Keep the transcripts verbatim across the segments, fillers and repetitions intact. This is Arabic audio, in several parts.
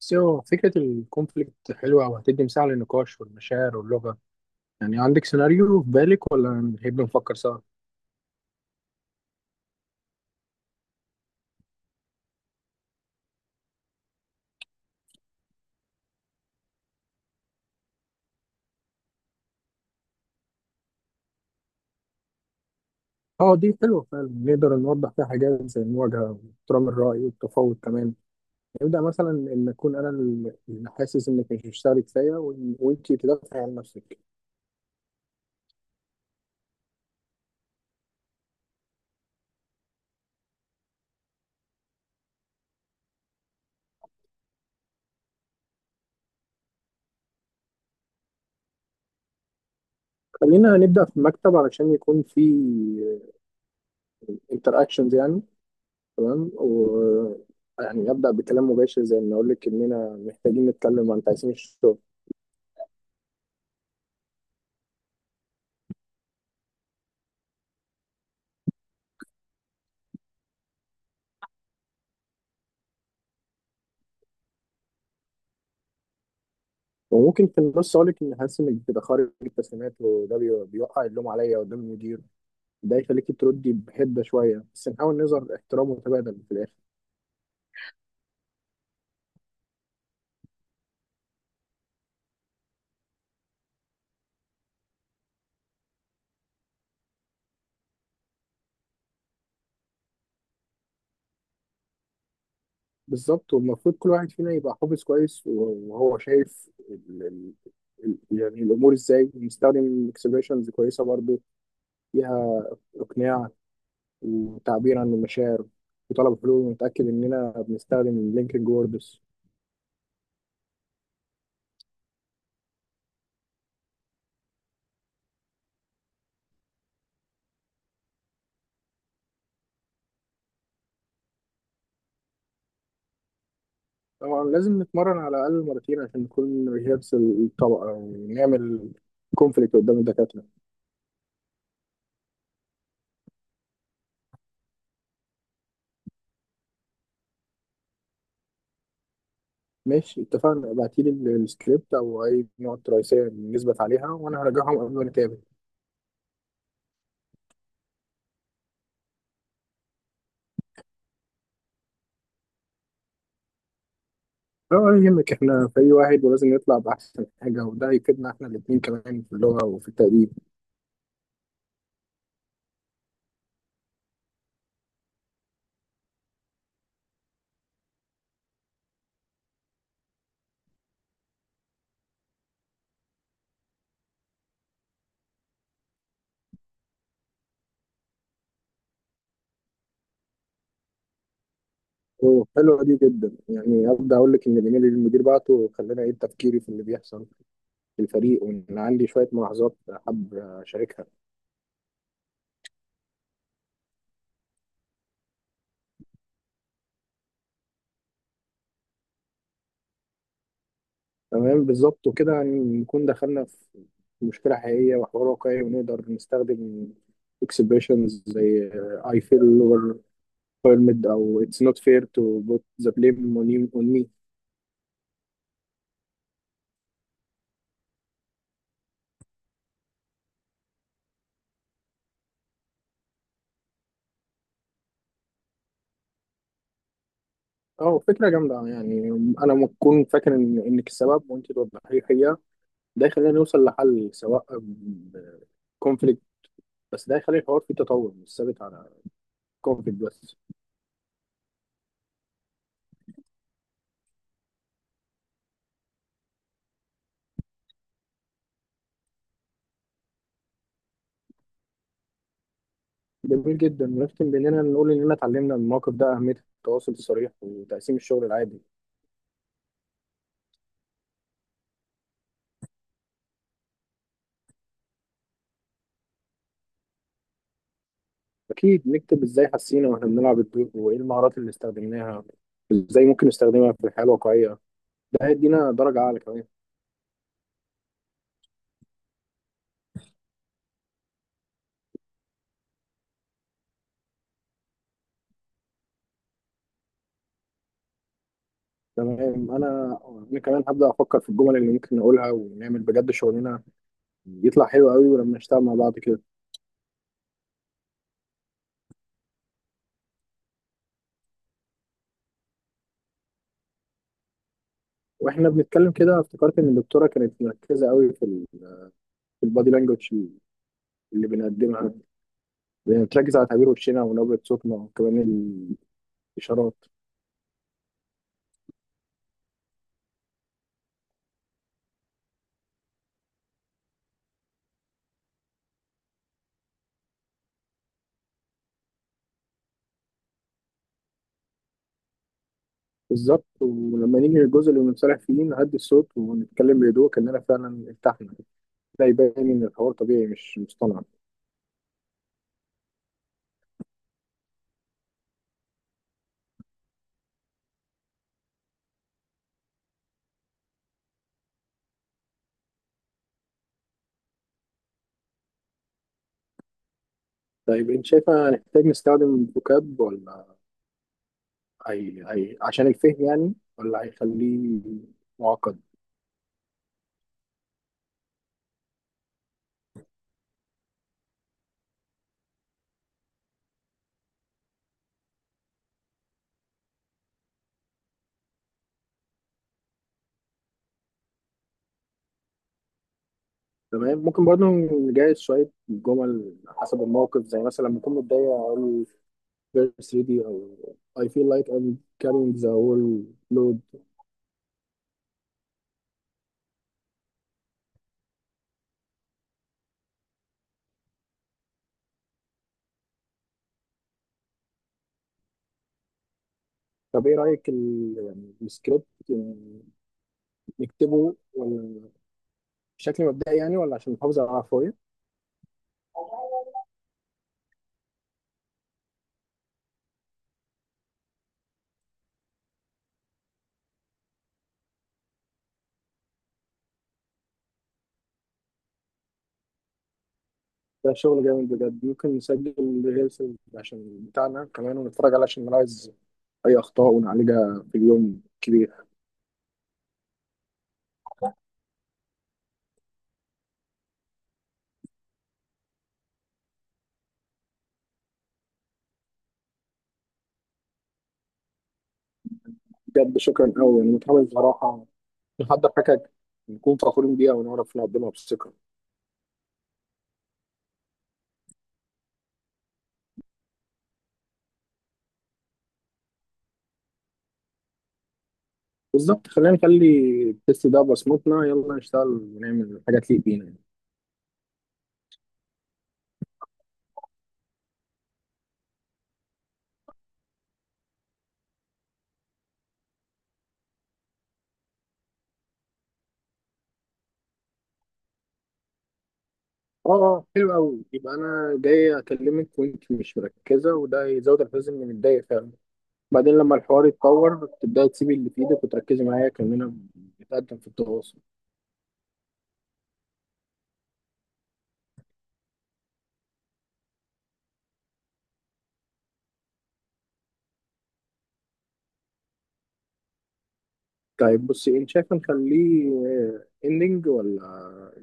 بس هو فكرة الكونفليكت حلوة وهتدي مساحة للنقاش والمشاعر واللغة. يعني عندك سيناريو في بالك ولا نحب نفكر سوا؟ اه، دي حلوة فعلا، نقدر نوضح فيها حاجات زي المواجهة واحترام الرأي والتفاوض كمان. نبدأ مثلا إن أكون أنا اللي حاسس إنك مش بتشتغلي كفاية وإن- وإنتي تدافعي عن نفسك. خلينا نبدأ في المكتب علشان يكون في انتر اكشنز يعني. تمام، و يعني أبدأ بكلام مباشر زي إن أقول لك إننا محتاجين نتكلم عن تقسيم الشغل. وممكن في النص اقول لك ان حاسس انك بتبقى خارج التسليمات، وده بي- بيوقع اللوم عليا قدام المدير. ده يخليك تردي بحده شويه، بس نحاول نظهر احترام متبادل في الاخر. بالظبط، والمفروض كل واحد فينا يبقى حافظ كويس وهو شايف ال... ال... ال- يعني الامور ازاي، نستخدم اكسبريشنز كويسه برضو فيها اقناع وتعبير عن المشاعر وطلب حلول، ونتاكد اننا بنستخدم لينكينج ووردز. طبعا لازم نتمرن على الأقل مرتين عشان نكون ريهابس الطبقة ونعمل كونفليكت قدام الدكاترة. ماشي اتفقنا، ابعتيلي ال- السكريبت أو أي نقط رئيسية نثبت عليها، وأنا هراجعهم قبل ما نتقابل. اه ولا يهمك، احنا فريق واحد ولازم نطلع بأحسن حاجة، وده هيفيدنا احنا الاتنين كمان في اللغة وفي التقديم. أوه، حلوة دي جدا، يعني أبدأ أقول لك إن الإيميل اللي المدير بعته خلاني أعيد تفكيري في اللي بيحصل في الفريق، وإن عندي شوية ملاحظات حابب أشاركها. تمام بالظبط، وكده يعني نكون دخلنا في مشكلة حقيقية وحوار واقعي، ونقدر نستخدم expressions زي آه, I feel or permit، أو it's not fair to put the blame on you- on me. أه فكرة جامدة، يعني أنا لما أكون فاكر إن إنك السبب وأنت توضحي لي الحقيقة، ده يخلينا نوصل لحل سواء ب- conflict، بس ده يخلي الحوار فيه تطور مش ثابت على conflict بس. جميل جدا، ونختم بإننا نقول إننا اتعلمنا من الموقف ده أهمية التواصل الصريح وتقسيم الشغل العادي. أكيد نكتب إزاي حسينا وإحنا بنلعب الدور، وإيه المهارات اللي استخدمناها، إزاي ممكن نستخدمها في الحياة الواقعية. ده هيدينا درجة أعلى كمان. تمام، أنا أنا كمان هبدأ أفكر في الجمل اللي ممكن نقولها، ونعمل بجد شغلنا يطلع حلو قوي ولما نشتغل مع بعض كده. وإحنا بنتكلم كده افتكرت إن الدكتورة كانت مركزة قوي في ال... في البادي لانجوج اللي بنقدمها، بنركز على تعبير وشنا ونبرة صوتنا وكمان ال... إشارات. بالظبط، ولما نيجي للجزء اللي بنصالح فيه نهدي الصوت ونتكلم بهدوء كأننا فعلا ارتحنا. ده يبين إن الحوار طبيعي مش مصطنع. طيب أنت شايفة هنحتاج نستخدم فوكاب ولا أي أي عشان الفهم يعني، ولا هيخليه معقد؟ تمام، ممكن برضه نجهز شوية جمل حسب الموقف، زي مثلا لما أكون متضايق أقول verse ready، أو I feel like I'm carrying the whole load. طب إيه رأيك ال- يعني السكريبت يعني نكتبه، ولا بشكل مبدئي يعني، ولا عشان نحافظ على العفوية؟ ده شغل جامد بجد، ممكن نسجل ريلز عشان بتاعنا كمان ونتفرج عليه عشان نلاحظ أي أخطاء ونعالجها في اليوم كبير. بجد شكرا أوي، يعني متحمس بصراحة نحضر حاجة نكون فخورين بيها ونعرف نقدمها بثقة. بالظبط، خلينا نخلي التست ده بصمتنا، يلا نشتغل ونعمل حاجة تليق بينا يعني. اه. اه حلو أوي، يبقى أنا جاي أكلمك وأنت مش مركزة، وده يزود الحزن إني متضايق فعلا. بعدين لما الحوار يتطور تبدأي تسيبي اللي في إيدك وتركزي معايا كأننا بنتقدم في التواصل. طيب بصي، انت شايفه نخليه اندنج، ولا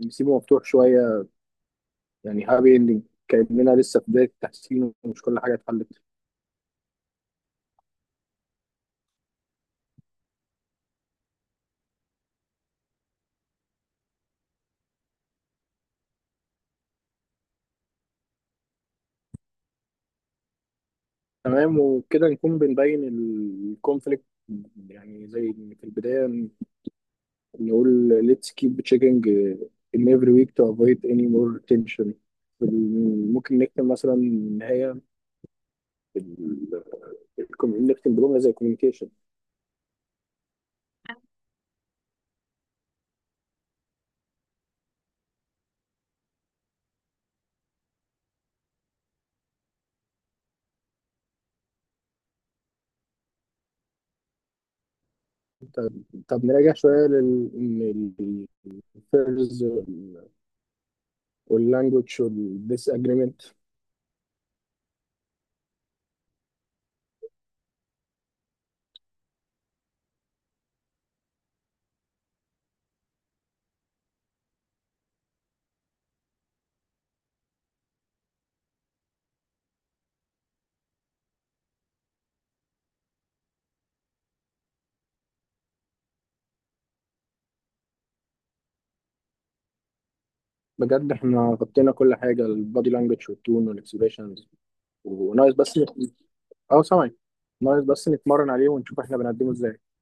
نسيبه مفتوح شويه يعني، هابي اندنج كاننا لسه في بدايه التحسين ومش كل حاجه اتحلت؟ تمام، وكده نكون بنبين الكونفليكت، يعني زي إن في البدايه نقول let's keep checking in every week to avoid any more tension. بال- ممكن نكتب مثلا ان هي ال- الكم- نكتب بجمله زي communication. طب طب نراجع شويه لل إن ال- first واللانجوج والديس اجريمنت. بجد احنا غطينا كل حاجه، البادي لانجوج والتون والاكسبريشنز، وناقص بس نت- اه سامعك، ناقص بس نتمرن عليه ونشوف احنا بنقدمه ازاي.